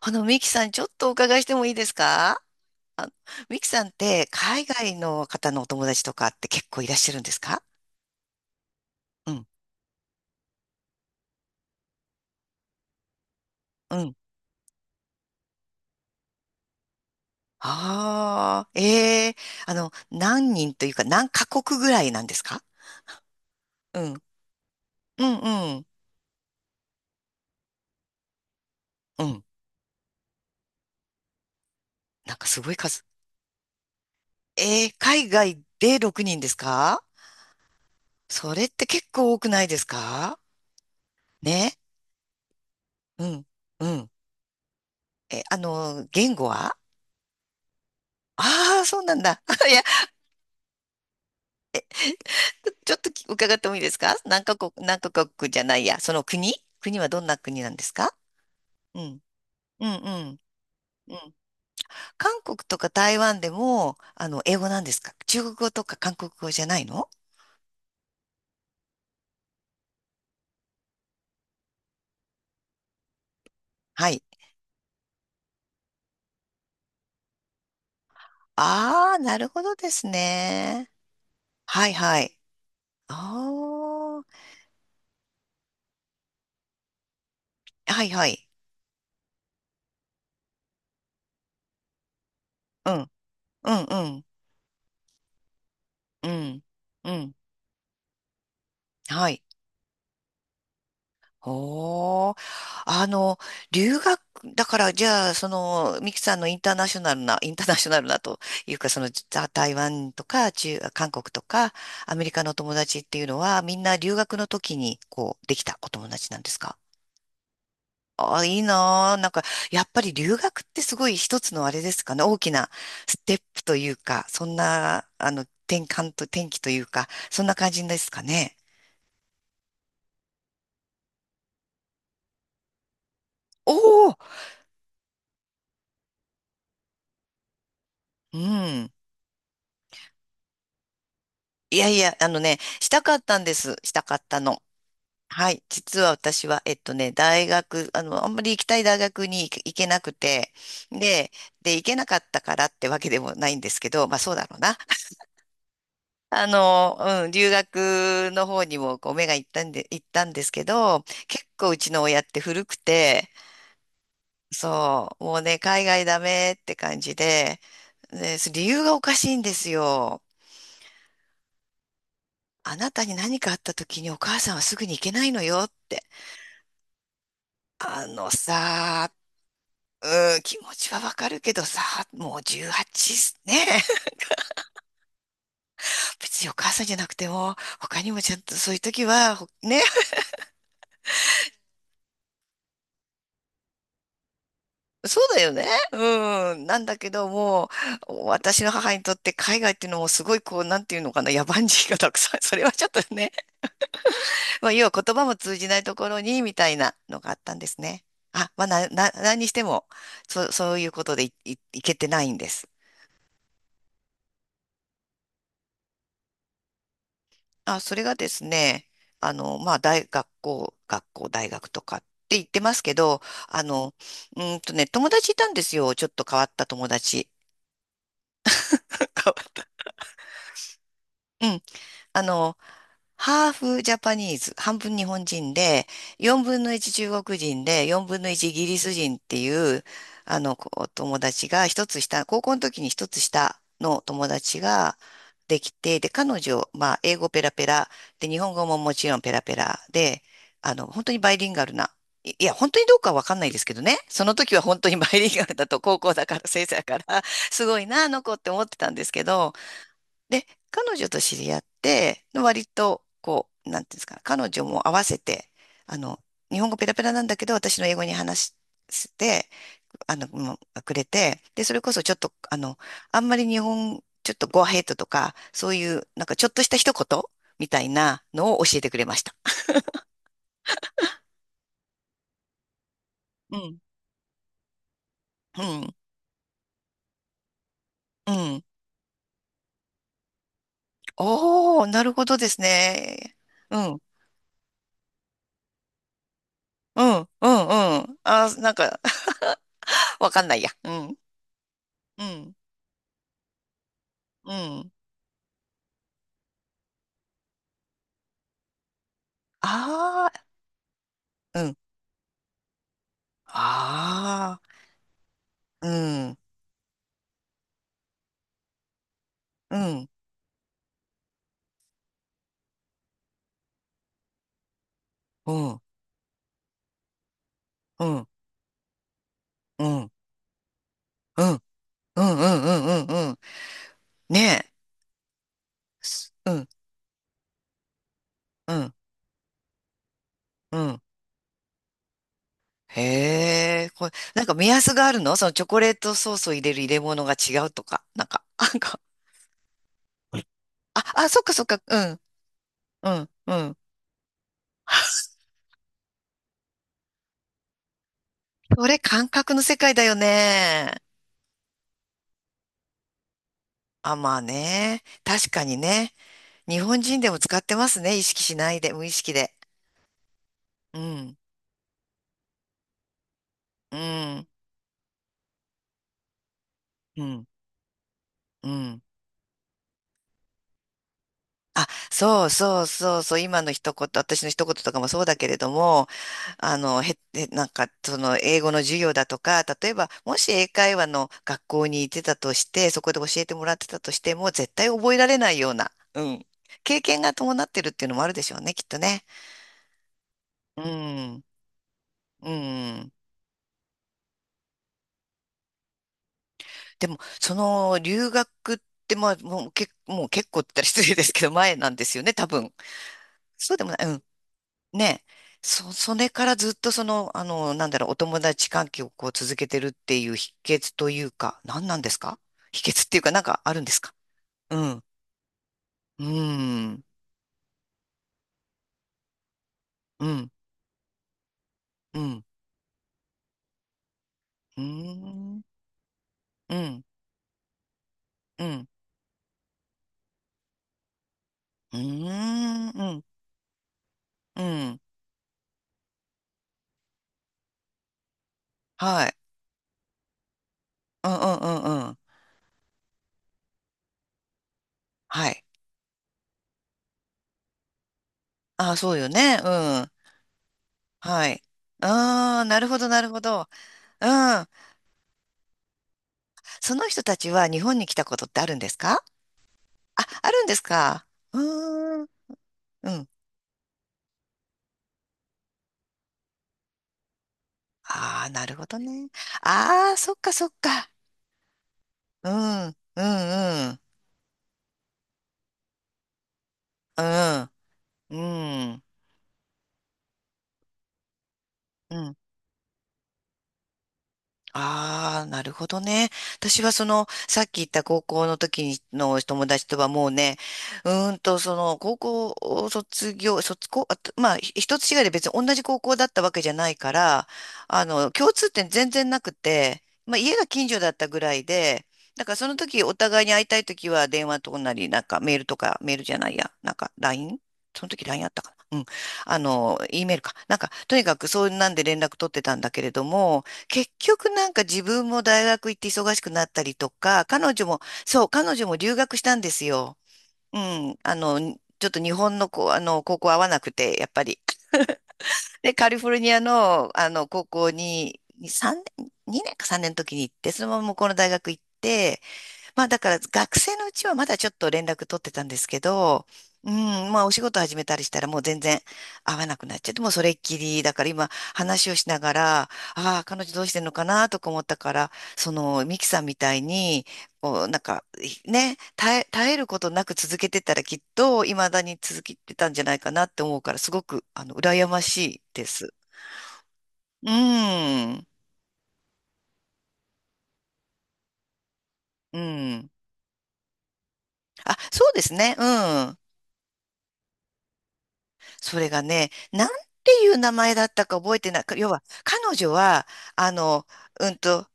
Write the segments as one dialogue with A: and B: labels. A: ミキさん、ちょっとお伺いしてもいいですか？ミキさんって、海外の方のお友達とかって結構いらっしゃるんですか？うん、うん。ああ、ええ。何人というか、何カ国ぐらいなんですか？うん、うん、うん、うん。なんかすごい数。ええ、海外で6人ですか？それって結構多くないですか？ね。うん、うん。え、言語は？ああー、そうなんだ。ちょっと伺ってもいいですか？何カ国、何カ国じゃないや、その国、国はどんな国なんですか？うん。うん、うん、うん。韓国とか台湾でも、英語なんですか？中国語とか韓国語じゃないの？はい。ああ、なるほどですね。はい、はい。ああ、はい、はい。うん、うん、うん、うん、うん。はい。おー。あの、留学、だから、じゃあ、ミキさんのインターナショナルな、インターナショナルなというか、台湾とか、韓国とか、アメリカのお友達っていうのは、みんな留学の時に、こう、できたお友達なんですか？ああ、いいなー。なんか、やっぱり留学ってすごい一つのあれですかね、大きなステップというか、そんな、転換と、転機というか、そんな感じですかね。おお、うん。いやいや、あのね、したかったんです。したかったの。はい。実は私は、大学、あの、あんまり行きたい大学に行けなくて、で、で、行けなかったからってわけでもないんですけど、まあそうだろうな。あの、うん、留学の方にもこう目が行ったんで、行ったんですけど、結構うちの親って古くて、そう、もうね、海外ダメって感じで、で、理由がおかしいんですよ。あなたに何かあった時にお母さんはすぐに行けないのよって。あのさ、うん、気持ちはわかるけどさ、もう18ね。 別にお母さんじゃなくても、他にもちゃんとそういう時は、そうだよね。うん、なんだけども、私の母にとって海外っていうのもすごいこう、なんていうのかな、野蛮人がたくさん、それはちょっとね、まあ、要は言葉も通じないところに、みたいなのがあったんですね。あ、まあ、何にしても、そういうことでいけてないんです。あ、それがですね、大学校、学校、大学とかって言ってますけど、あの、友達いたんですよ。ちょっと変わった友達。変わった。うん。あの、ハーフジャパニーズ、半分日本人で、4分の1中国人で、4分の1イギリス人っていう、こう友達が一つ下、高校の時に一つ下の友達ができて、で、彼女、まあ、英語ペラペラ、で、日本語ももちろんペラペラで、本当にバイリンガルな、いいや、本当にどうかわかんないですけどね、その時は本当にバイリンガルだと、高校だから、先生だから、すごいな、あの子って思ってたんですけど、で、彼女と知り合って、割と、こう、なんていうんですかね、彼女も合わせて、あの、日本語ペラペラなんだけど、私の英語に話して、もうくれて、で、それこそちょっと、あんまり日本、ちょっとゴアヘイトとか、そういう、なんかちょっとした一言みたいなのを教えてくれました。うん。うん。うん。おー、なるほどですね。うん。うん。うん。うん。あー、なんか、 わかんないや。うん。うん。うん。ああ、うん。ああ、うん、うん、うん、うん、うん、うん、うん、うん、うん、うん、うん。ねえ。すうん、うん、うん。へえ、これ、なんか目安があるの？そのチョコレートソースを入れる入れ物が違うとか、なんか、なんか、あ、そっかそっか、うん、うん、うん。それ感覚の世界だよね。あ、まあね。確かにね。日本人でも使ってますね。意識しないで、無意識で。うん、うん、うん、うん。あ、そうそうそうそう、今の一言、私の一言とかもそうだけれども、あの、へ、へなんか、英語の授業だとか、例えば、もし英会話の学校に行ってたとして、そこで教えてもらってたとしても、絶対覚えられないような、うん、経験が伴ってるっていうのもあるでしょうね、きっとね。うん、うん。でも、留学って、まあ、もう結構って言ったら失礼ですけど、前なんですよね、多分。そうでもない。ね、それからずっとなんだろう、お友達関係をこう続けてるっていう秘訣というか、何なんですか？秘訣っていうか、なんかあるんですか？うん、うん、うん、うん、うん、うん、うん、うん、うん、うん、はい、うん、うん、うん、うん、はい。ああ、そうよね、うん、はい。ああ、なるほど、なるほど。うん。その人たちは日本に来たことってあるんですか？あ、あるんですか？うーん。うん。ああ、なるほどね。ああ、そっかそっか。うん、うん、うん、うん、うん、うん。ああ、なるほどね。私はさっき言った高校の時にの友達とはもうね、高校を卒業、あとまあ、一つ違いで別に同じ高校だったわけじゃないから、共通点全然なくて、まあ、家が近所だったぐらいで、だからその時お互いに会いたい時は電話とかなり、なんかメールとか、メールじゃないや、なんか LINE？ その時ライン あったかな、うん。E メールか。なんか、とにかくそんなんで連絡取ってたんだけれども、結局なんか自分も大学行って忙しくなったりとか、彼女も、そう、彼女も留学したんですよ。うん。ちょっと日本のこう、高校合わなくて、やっぱり。で、カリフォルニアの、高校に、さんねんに3年、2年か3年の時に行って、そのまま向こうの大学行って、まあだから学生のうちはまだちょっと連絡取ってたんですけど、うん、まあお仕事始めたりしたらもう全然会わなくなっちゃって、もうそれっきり、だから今話をしながら、ああ、彼女どうしてんのかなとか思ったから、そのミキさんみたいに、こうなんかね、耐えることなく続けてたらきっと未だに続けてたんじゃないかなって思うから、すごく羨ましいです。うん、うん。あ、そうですね、うん。それがね、なんていう名前だったか覚えてない。要は、彼女は、あの、うんと、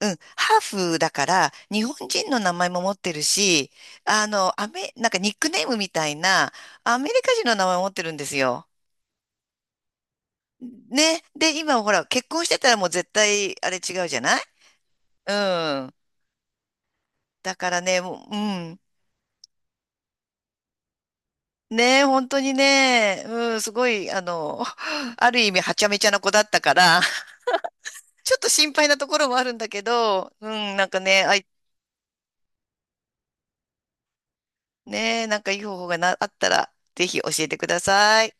A: うん、ハーフだから、日本人の名前も持ってるし、なんかニックネームみたいな、アメリカ人の名前を持ってるんですよ。ね。で、今ほら、結婚してたらもう絶対、あれ違うじゃない。うん。だからね、もう、うん。ね、本当にね、うん、すごい、ある意味、はちゃめちゃな子だったから、ちょっと心配なところもあるんだけど、うん、なんかね、ね、なんかいい方法があったら、ぜひ教えてください。